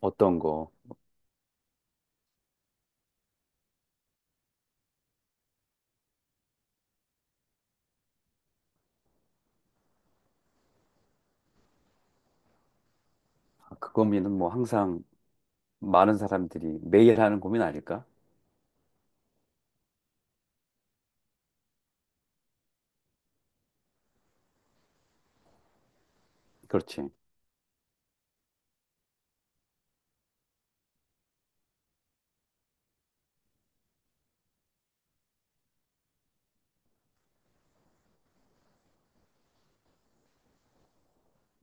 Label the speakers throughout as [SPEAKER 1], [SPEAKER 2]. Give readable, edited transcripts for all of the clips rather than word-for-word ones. [SPEAKER 1] 어떤 거? 아, 그 고민은 뭐 항상 많은 사람들이 매일 하는 고민 아닐까? 그렇지.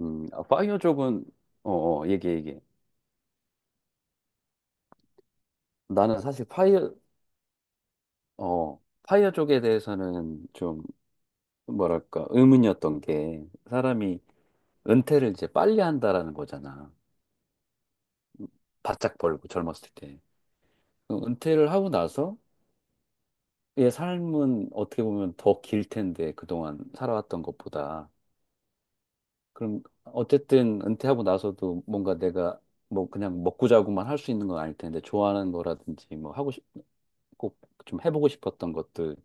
[SPEAKER 1] 파이어 쪽은, 어, 얘기해, 얘기해. 나는 사실 파이어 쪽에 대해서는 좀, 뭐랄까, 의문이었던 게, 사람이 은퇴를 이제 빨리 한다라는 거잖아. 바짝 벌고 젊었을 때. 그 은퇴를 하고 나서, 얘 삶은 어떻게 보면 더 길 텐데, 그동안 살아왔던 것보다. 그럼 어쨌든 은퇴하고 나서도 뭔가 내가 뭐 그냥 먹고 자고만 할 수 있는 건 아닐 텐데 좋아하는 거라든지 뭐 꼭 좀 해보고 싶었던 것들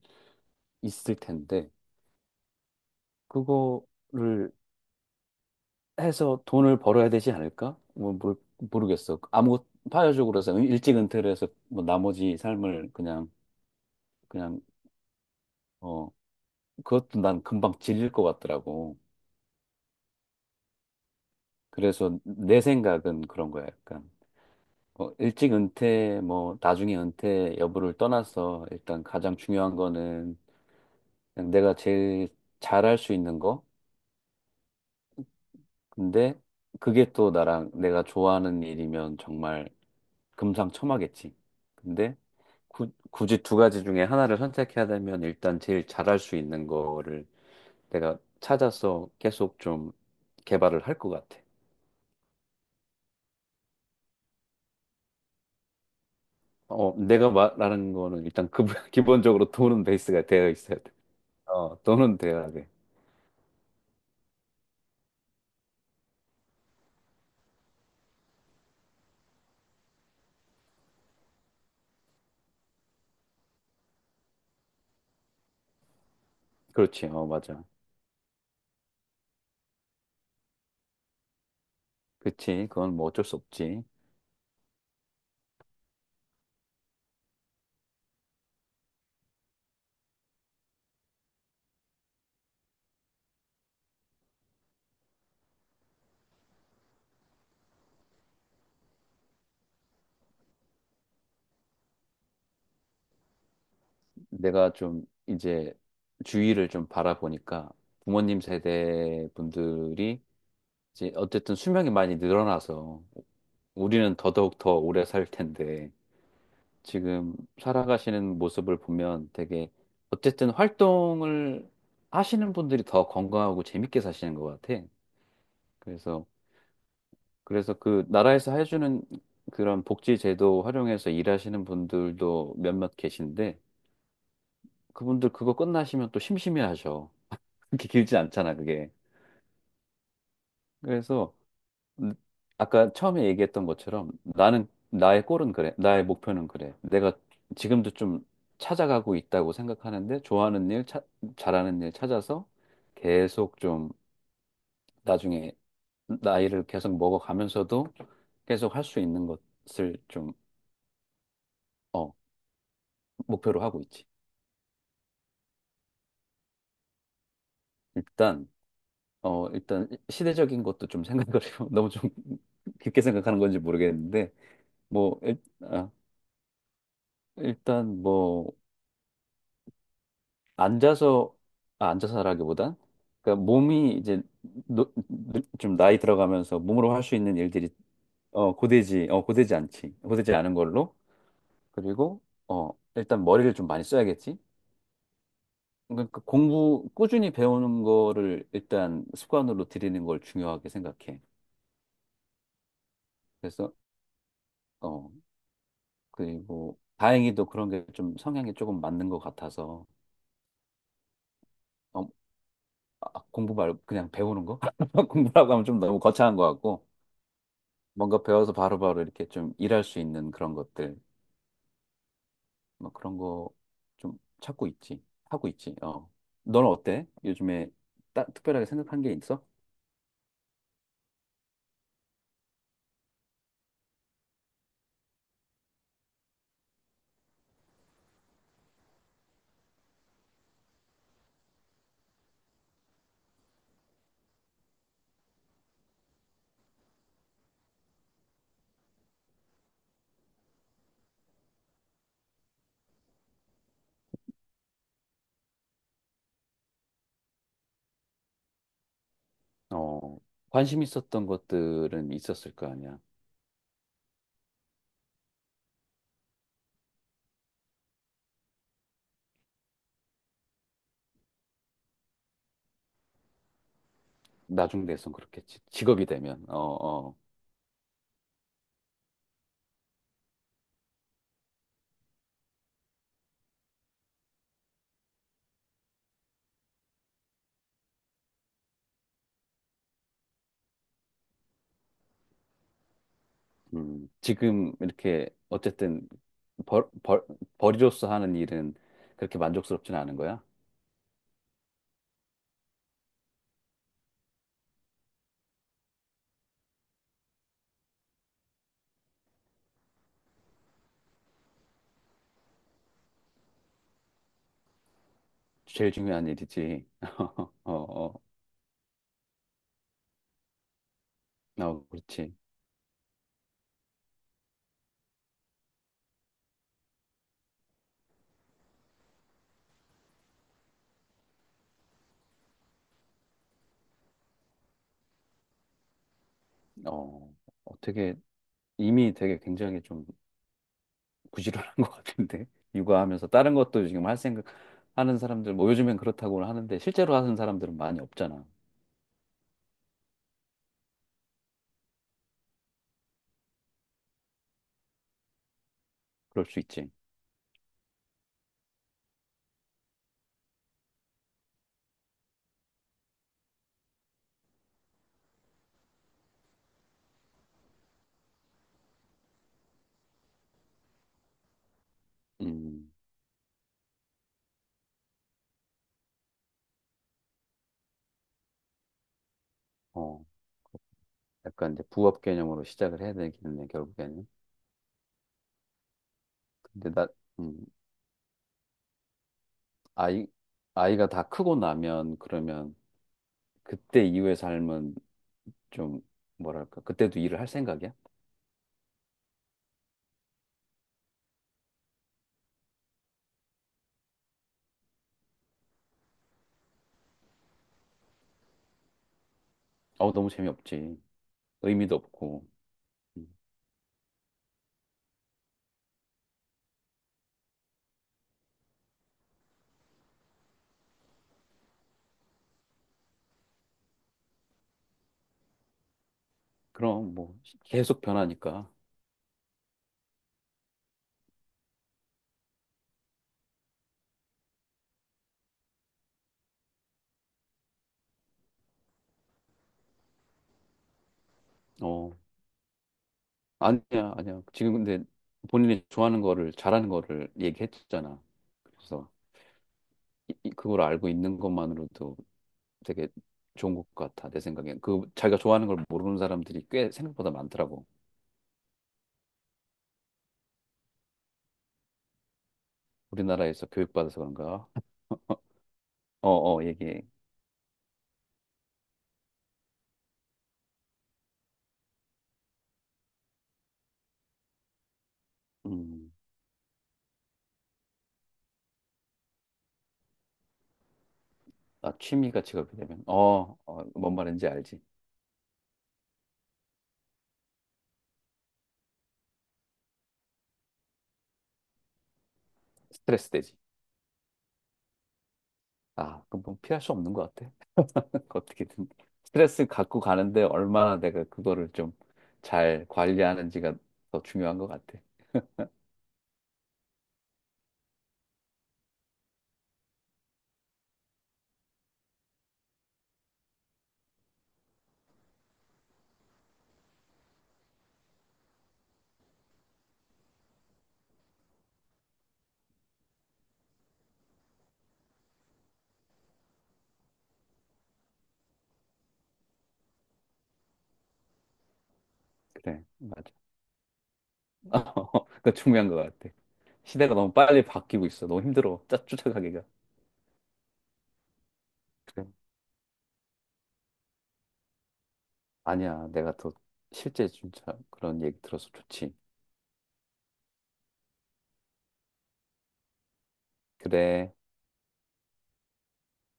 [SPEAKER 1] 있을 텐데 그거를 해서 돈을 벌어야 되지 않을까? 뭐 모르겠어. 아무 것 파격적으로 해서 일찍 은퇴를 해서 뭐 나머지 삶을 그냥 어 그것도 난 금방 질릴 것 같더라고. 그래서 내 생각은 그런 거야, 약간. 일찍 은퇴, 뭐, 나중에 은퇴 여부를 떠나서 일단 가장 중요한 거는 그냥 내가 제일 잘할 수 있는 거. 근데 그게 또 나랑 내가 좋아하는 일이면 정말 금상첨화겠지. 근데 굳이 두 가지 중에 하나를 선택해야 되면 일단 제일 잘할 수 있는 거를 내가 찾아서 계속 좀 개발을 할 것 같아. 내가 말하는 거는 일단 그, 기본적으로 돈은 베이스가 되어 있어야 돼. 돈은 돼야 돼. 그렇지. 맞아. 그치. 그건 뭐 어쩔 수 없지. 내가 좀 이제 주위를 좀 바라보니까 부모님 세대 분들이 이제 어쨌든 수명이 많이 늘어나서 우리는 더더욱 더 오래 살 텐데 지금 살아가시는 모습을 보면 되게 어쨌든 활동을 하시는 분들이 더 건강하고 재밌게 사시는 것 같아. 그래서, 그래서 그 나라에서 해주는 그런 복지 제도 활용해서 일하시는 분들도 몇몇 계신데 그분들 그거 끝나시면 또 심심해하셔. 그렇게 길지 않잖아, 그게. 그래서 음, 아까 처음에 얘기했던 것처럼 나는 나의 골은 그래. 나의 목표는 그래. 내가 지금도 좀 찾아가고 있다고 생각하는데 좋아하는 일, 잘하는 일 찾아서 계속 좀 나중에 나이를 계속 먹어가면서도 계속 할 수 있는 것을 좀, 어, 목표로 하고 있지. 일단, 일단 시대적인 것도 좀 생각을 해요. 너무 좀 깊게 생각하는 건지 모르겠는데 뭐, 일단 뭐, 앉아서, 앉아서라기보단, 그러니까 몸이 이제 좀 나이 들어가면서 몸으로 할 수 있는 일들이 고되지 않지. 고되지 않은 걸로. 그리고, 일단 머리를 좀 많이 써야겠지. 그러니까 그 공부, 꾸준히 배우는 거를 일단 습관으로 들이는 걸 중요하게 생각해. 그래서, 어, 그리고 다행히도 그런 게 좀 성향이 조금 맞는 것 같아서, 어, 공부 말고 그냥 배우는 거? 공부라고 하면 좀 너무 거창한 것 같고 뭔가 배워서 바로바로 이렇게 좀 일할 수 있는 그런 것들 뭐 그런 거 좀 찾고 있지. 하고 있지. 너는 어때? 요즘에 특별하게 생각한 게 있어? 어 관심 있었던 것들은 있었을 거 아니야. 나중 돼선 그렇겠지. 직업이 되면. 어어 지금 이렇게 어쨌든 벌, 벌, 벌이로서 하는 일은 그렇게 만족스럽진 않은 거야? 제일 중요한 일이지. 어, 어, 그렇지. 어, 어떻게 이미 되게 굉장히 좀 부지런한 것 같은데 육아하면서 다른 것도 지금 할 생각 하는 사람들 뭐 요즘엔 그렇다고 하는데 실제로 하는 사람들은 많이 없잖아. 그럴 수 있지. 음, 어, 약간 이제 부업 개념으로 시작을 해야 되겠네 결국에는. 근데 음, 아이 아이가 다 크고 나면 그러면 그때 이후의 삶은 좀 뭐랄까 그때도 일을 할 생각이야? 너무 재미없지. 의미도 없고. 음, 그럼 뭐 계속 변하니까. 어, 아니야, 아니야. 지금 근데 본인이 좋아하는 거를 잘하는 거를 얘기했잖아. 그래서 그걸 알고 있는 것만으로도 되게 좋은 것 같아. 내 생각엔. 그 자기가 좋아하는 걸 모르는 사람들이 꽤 생각보다 많더라고. 우리나라에서 교육받아서 그런가? 얘기해. 음, 나 취미가 직업이 되면 뭔 말인지 알지. 스트레스 되지. 아, 그건 뭐 피할 수 없는 것 같아. 어떻게든 스트레스 갖고 가는데 얼마나 내가 그거를 좀 잘 관리하는지가 더 중요한 것 같아. 그래, 맞아. 그거 중요한 것 같아. 시대가 너무 빨리 바뀌고 있어. 너무 힘들어. 짜 쫓아가기가. 그래. 아니야, 내가 더 실제 진짜 그런 얘기 들어서 좋지. 그래.